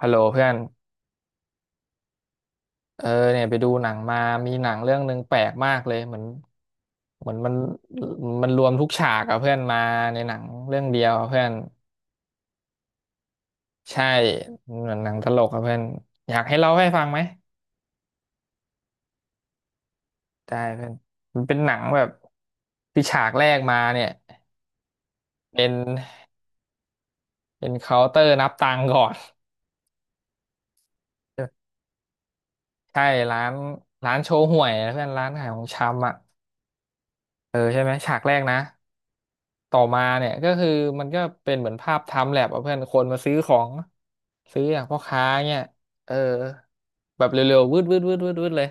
ฮัลโหลเพื่อนเออเนี่ยไปดูหนังมามีหนังเรื่องหนึ่งแปลกมากเลยเหมือนมันรวมทุกฉากอะเพื่อนมาในหนังเรื่องเดียวอะเพื่อนใช่เหมือนหนังตลกอะเพื่อนอยากให้เล่าให้ฟังไหมได้เพื่อนมันเป็นหนังแบบที่ฉากแรกมาเนี่ยเป็นเป็นเคาน์เตอร์นับตังค์ก่อนใช่ร้านร้านโชว์ห่วยนะเพื่อนร้านขายของชำอ่ะเออใช่ไหมฉากแรกนะ ต่อมาเนี่ยก็คือมันก็เป็นเหมือนภาพไทม์แลปอะเพื่อนคนมาซื้อของซื้ออย่างพ่อค้าเนี่ยเออแบบเร็วๆวืดวืดวืดวืดวืดเลย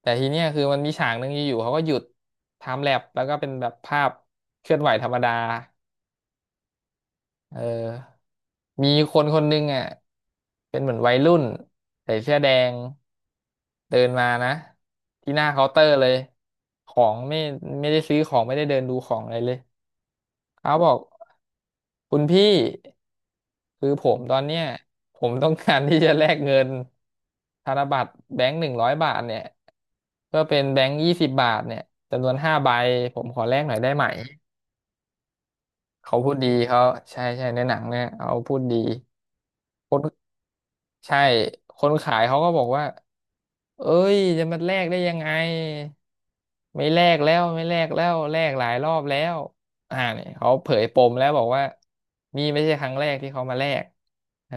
แต่ทีเนี้ยคือมันมีฉากหนึ่งอยู่ๆเขาก็หยุดไทม์แลปแล้วก็เป็นแบบภาพเคลื่อนไหวธรรมดาเออมีคนคนหนึ่งอ่ะเป็นเหมือนวัยรุ่นใส่เสื้อแดงเดินมานะที่หน้าเคาน์เตอร์เลยของไม่ได้ซื้อของไม่ได้เดินดูของอะไรเลย เขาบอกคุณพี่คือผมตอนเนี้ยผมต้องการที่จะแลกเงินธนบัตรแบงค์หนึ่งร้อยบาทเนี่ยก็เป็นแบงค์ยี่สิบบาทเนี่ยจำนวนห้าใบผมขอแลกหน่อยได้ไหมเขาพูดดีเขาใช่ใช่ในหนังเนี่ยเขาพูดดีคนใช่คนขายเขาก็บอกว่าเอ้ยจะมาแลกได้ยังไง ไม่แลกแล้วไม่แลกแล้วแลกหลายรอบแล้วอ่าเนี่ยเขาเผยปมแล้วบอกว่านี่ไม่ใช่ครั้งแรกที่เขามาแลกเออ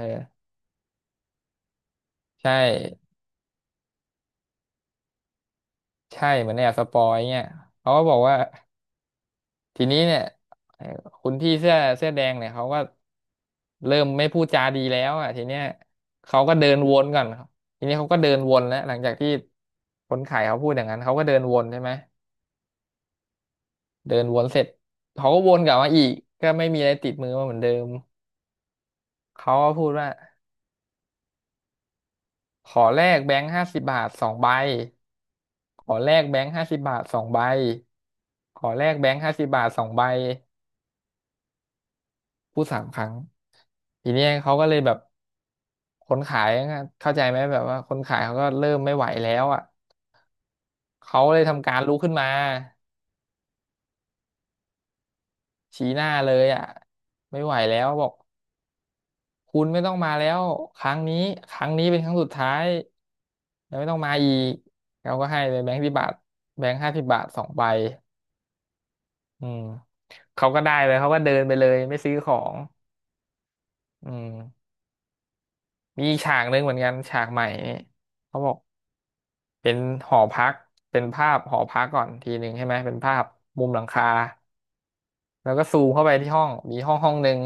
ใช่ใช่เหมือนแอบสปอยเงี่ยเขาก็บอกว่าทีนี้เนี่ยเอ่อคุณพี่เสื้อแดงเนี่ยเขาก็เริ่มไม่พูดจาดีแล้วอ่ะทีเนี้ยเขาก็เดินวนก่อนทีนี้เขาก็เดินวนแล้วหลังจากที่คนขายเขาพูดอย่างนั้นเขาก็เดินวนใช่ไหมเดินวนเสร็จเขาก็วนกลับมาอีกก็ไม่มีอะไรติดมือมาเหมือนเดิมเขาก็พูดว่า ขอแลกแบงค์ห้าสิบบาทสองใบขอแลกแบงค์ห้าสิบบาทสองใบขอแลกแบงค์ห้าสิบบาทสองใบพูดสามครั้งทีเนี้ยเขาก็เลยแบบคนขายอะเข้าใจไหมแบบว่าคนขายเขาก็เริ่มไม่ไหวแล้วอ่ะเขาเลยทำการลุกขึ้นมาชี้หน้าเลยอ่ะไม่ไหวแล้วบอกคุณไม่ต้องมาแล้วครั้งนี้ครั้งนี้เป็นครั้งสุดท้ายแล้วไม่ต้องมาอีกเขาก็ให้ไปแบงค์สิบบาทแบงค์ห้าสิบบาทสองใบอืม เขาก็ได้เลยเขาก็เดินไปเลยไม่ซื้อของอืมมีอีกฉากหนึ่งเหมือนกันฉากใหม่นี่เขาบอกเป็นหอพักเป็นภาพหอพักก่อนทีหนึ่งใช่ไหมเป็นภาพมุมหลังคาแล้วก็ซูมเข้าไปที่ห้องมีห้องหนึ่ง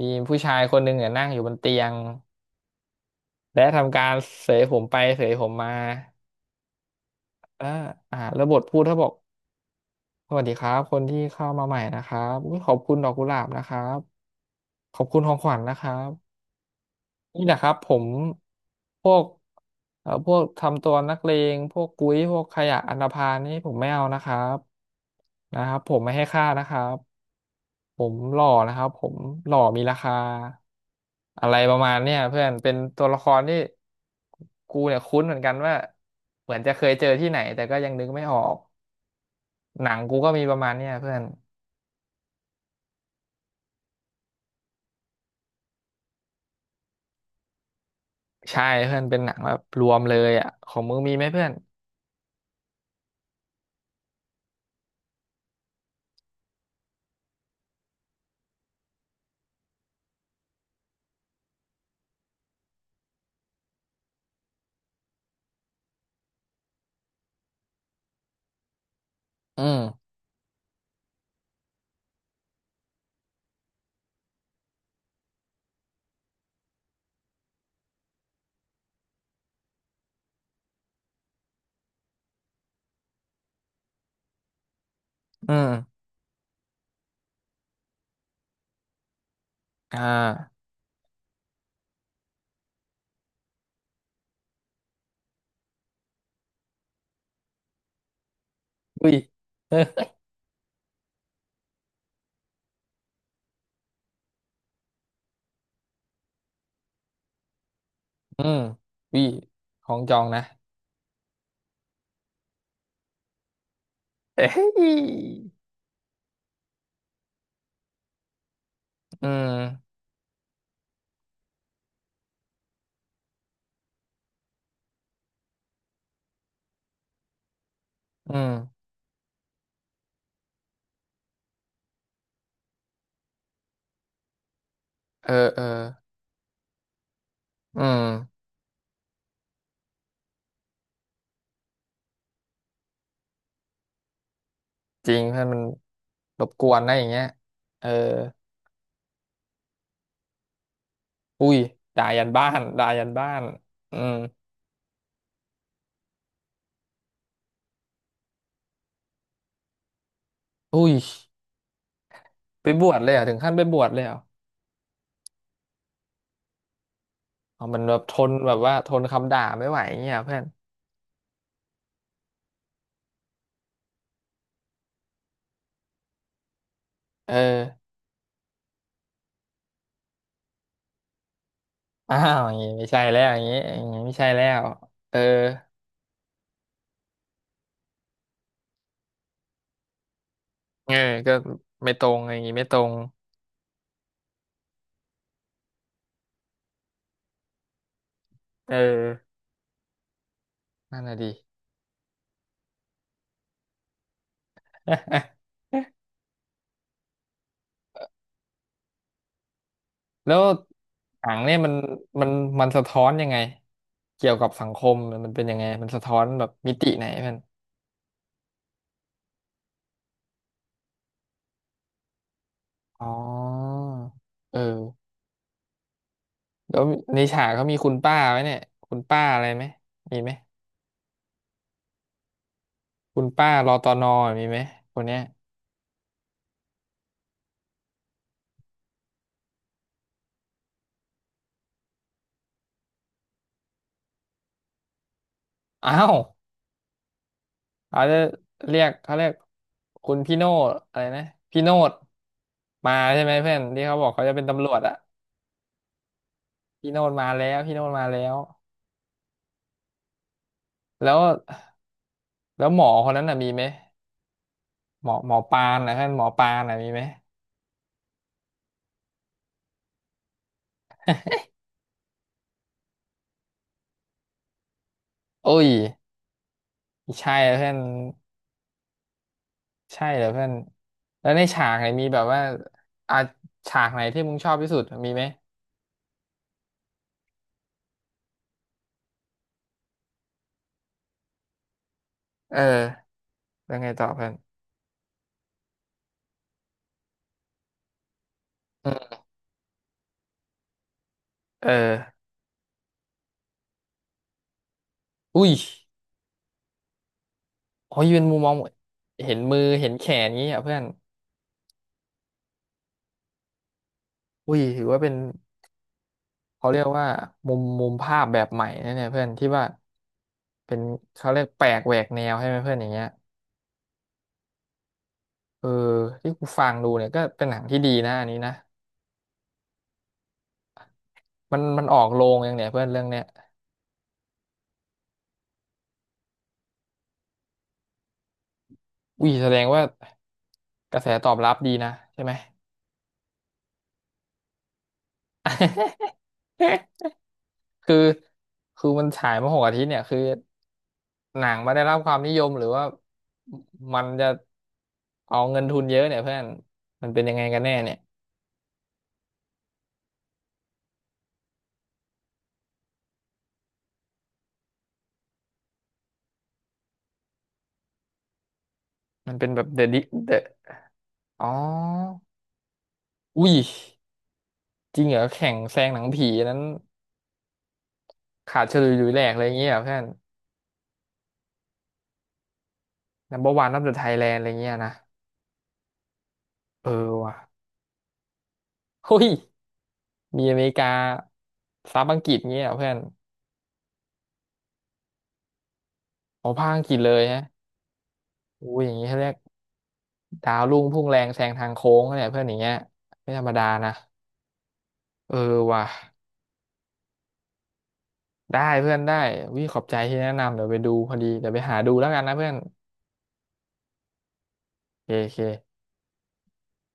มีผู้ชายคนหนึ่งเนี่ยนั่งอยู่บนเตียงและทำการเสยผมไปเสยผมมาอ่าแล้วบทพูดเขาบอกสวัสดีครับคนที่เข้ามาใหม่นะครับอุ๊ยขอบคุณดอกกุหลาบนะครับขอบคุณของขวัญนะครับ นี่แหละครับผมพวกพวกทำตัวนักเลงพวกกุ้ยพวกขยะอันธพาลนี่ผมไม่เอานะครับนะครับผมไม่ให้ค่านะครับผมหล่อนะครับผมหล่อมีราคาอะไรประมาณเนี่ยเพื่อนเป็นตัวละครที่กูเนี่ยคุ้นเหมือนกันว่าเหมือนจะเคยเจอที่ไหนแต่ก็ยังนึกไม่ออกหนังกูก็มีประมาณเนี่ยเพื่อนใช่เพื่อนเป็นหนังแบบรวมเลยอ่ะของมึงมีไหมเพื่อนอืมอืมอ่า อุ้ยเอออืมอุ้ยของจองนะเอ้ยอืมอืมเออเอออืมจริงเพื่อนมันรบกวนนะอย่างเงี้ยเอออุ้ยด่ายันบ้านด่ายันบ้านอืมอุ้ยไปบวชเลยเหรอ่ะถึงขั้นไปบวชเลยเหรอ่ะอ๋อมันแบบทนแบบว่าทนคำด่าไม่ไหวอย่างเงี้ยเพื่อนเอออ้าวอย่างงี้ไม่ใช่แล้วอย่างงี้อย่างงี้ไม่ใช่แล้วเออเออก็ไม่ตรงอย่างงี้ไม่ตรงเออนั่นน่ะดิ แล้วหนังเนี่ยมันมันสะท้อนยังไงเกี่ยวกับสังคมมันเป็นยังไงมันสะท้อนแบบมิติไหนเพื่อนอ๋อเออแล้วในฉากเขามีคุณป้าไหมเนี่ยคุณป้าอะไรไหมมีไหมคุณป้ารอตอนอมีไหมคนเนี้ยอ้าวเขาจะเรียกเขาเรียกคุณพี่โนดอะไรนะพี่โนดมาใช่ไหมเพื่อนที่เขาบอกเขาจะเป็นตำรวจอะพี่โนดมาแล้วพี่โนดมาแล้วแล้วแล้วหมอคนนั้นน่ะมีไหม หมอปานนะเพื่อนหมอปานนะมีไหมโอ้ยใช่เหรอเพื่อนใช่เหรอเพื่อนแล้วในฉากไหนมีแบบว่าอ่ะฉากไหนที่มึงชอบที่สุดมีไหมเออแล้วไงต่อเพื่อนอืมเอออุ้ยโอ้ยเป็นมุมมองเห็นมือเห็นแขนงี้อ่ะเพื่อนอุ้ยถือว่าเป็นเขาเรียกว่ามุมภาพแบบใหม่นะเนี่ยเพื่อนที่ว่าเป็นเขาเรียกแปลกแหวกแนวใช่ไหมเพื่อนอย่างเงี้ยเออที่กูฟังดูเนี่ยก็เป็นหนังที่ดีนะอันนี้นะ มันออกโรงยังเนี่ยเพื่อนเรื่องเนี้ยอุ้ยแสดงว่ากระแสตอบรับดีนะใช่ไหม คือคือมันฉายมาหกอาทิตย์เนี่ยคือหนังมาได้รับความนิยมหรือว่ามันจะเอาเงินทุนเยอะเนี่ยเพื่อนมันเป็นยังไงกันแน่เนี่ยมันเป็นแบบเดอะดิเดอะอ๋ออุ้ยจริงเหรอแข่งแซงหนังผีอันนั้นขาดเฉลุยหลุยแหลกอะไรอย่างเงี้ยเหรอเพื่อนนัมเบอร์วันนับเดอะไทยแลนด์อะไรเงี้ยนะเออว่ะเฮ้ย มีอเมริกาซับอังกฤษเงี้ยเหรอเพื่อนโอ้ภาคอังกฤษเลยฮะอู้ยอย่างนี้เขาเรียกดาวรุ่งพุ่งแรงแซงทางโค้งเนี่ยเพื่อนอย่างเงี้ยไม่ธรรมดานะเออว่ะได้เพื่อนวิขอบใจที่แนะนำเดี๋ยวไปดูพอดีเดี๋ยวไปหาดูแล้วกันนะเพื่อนโอเคโอเค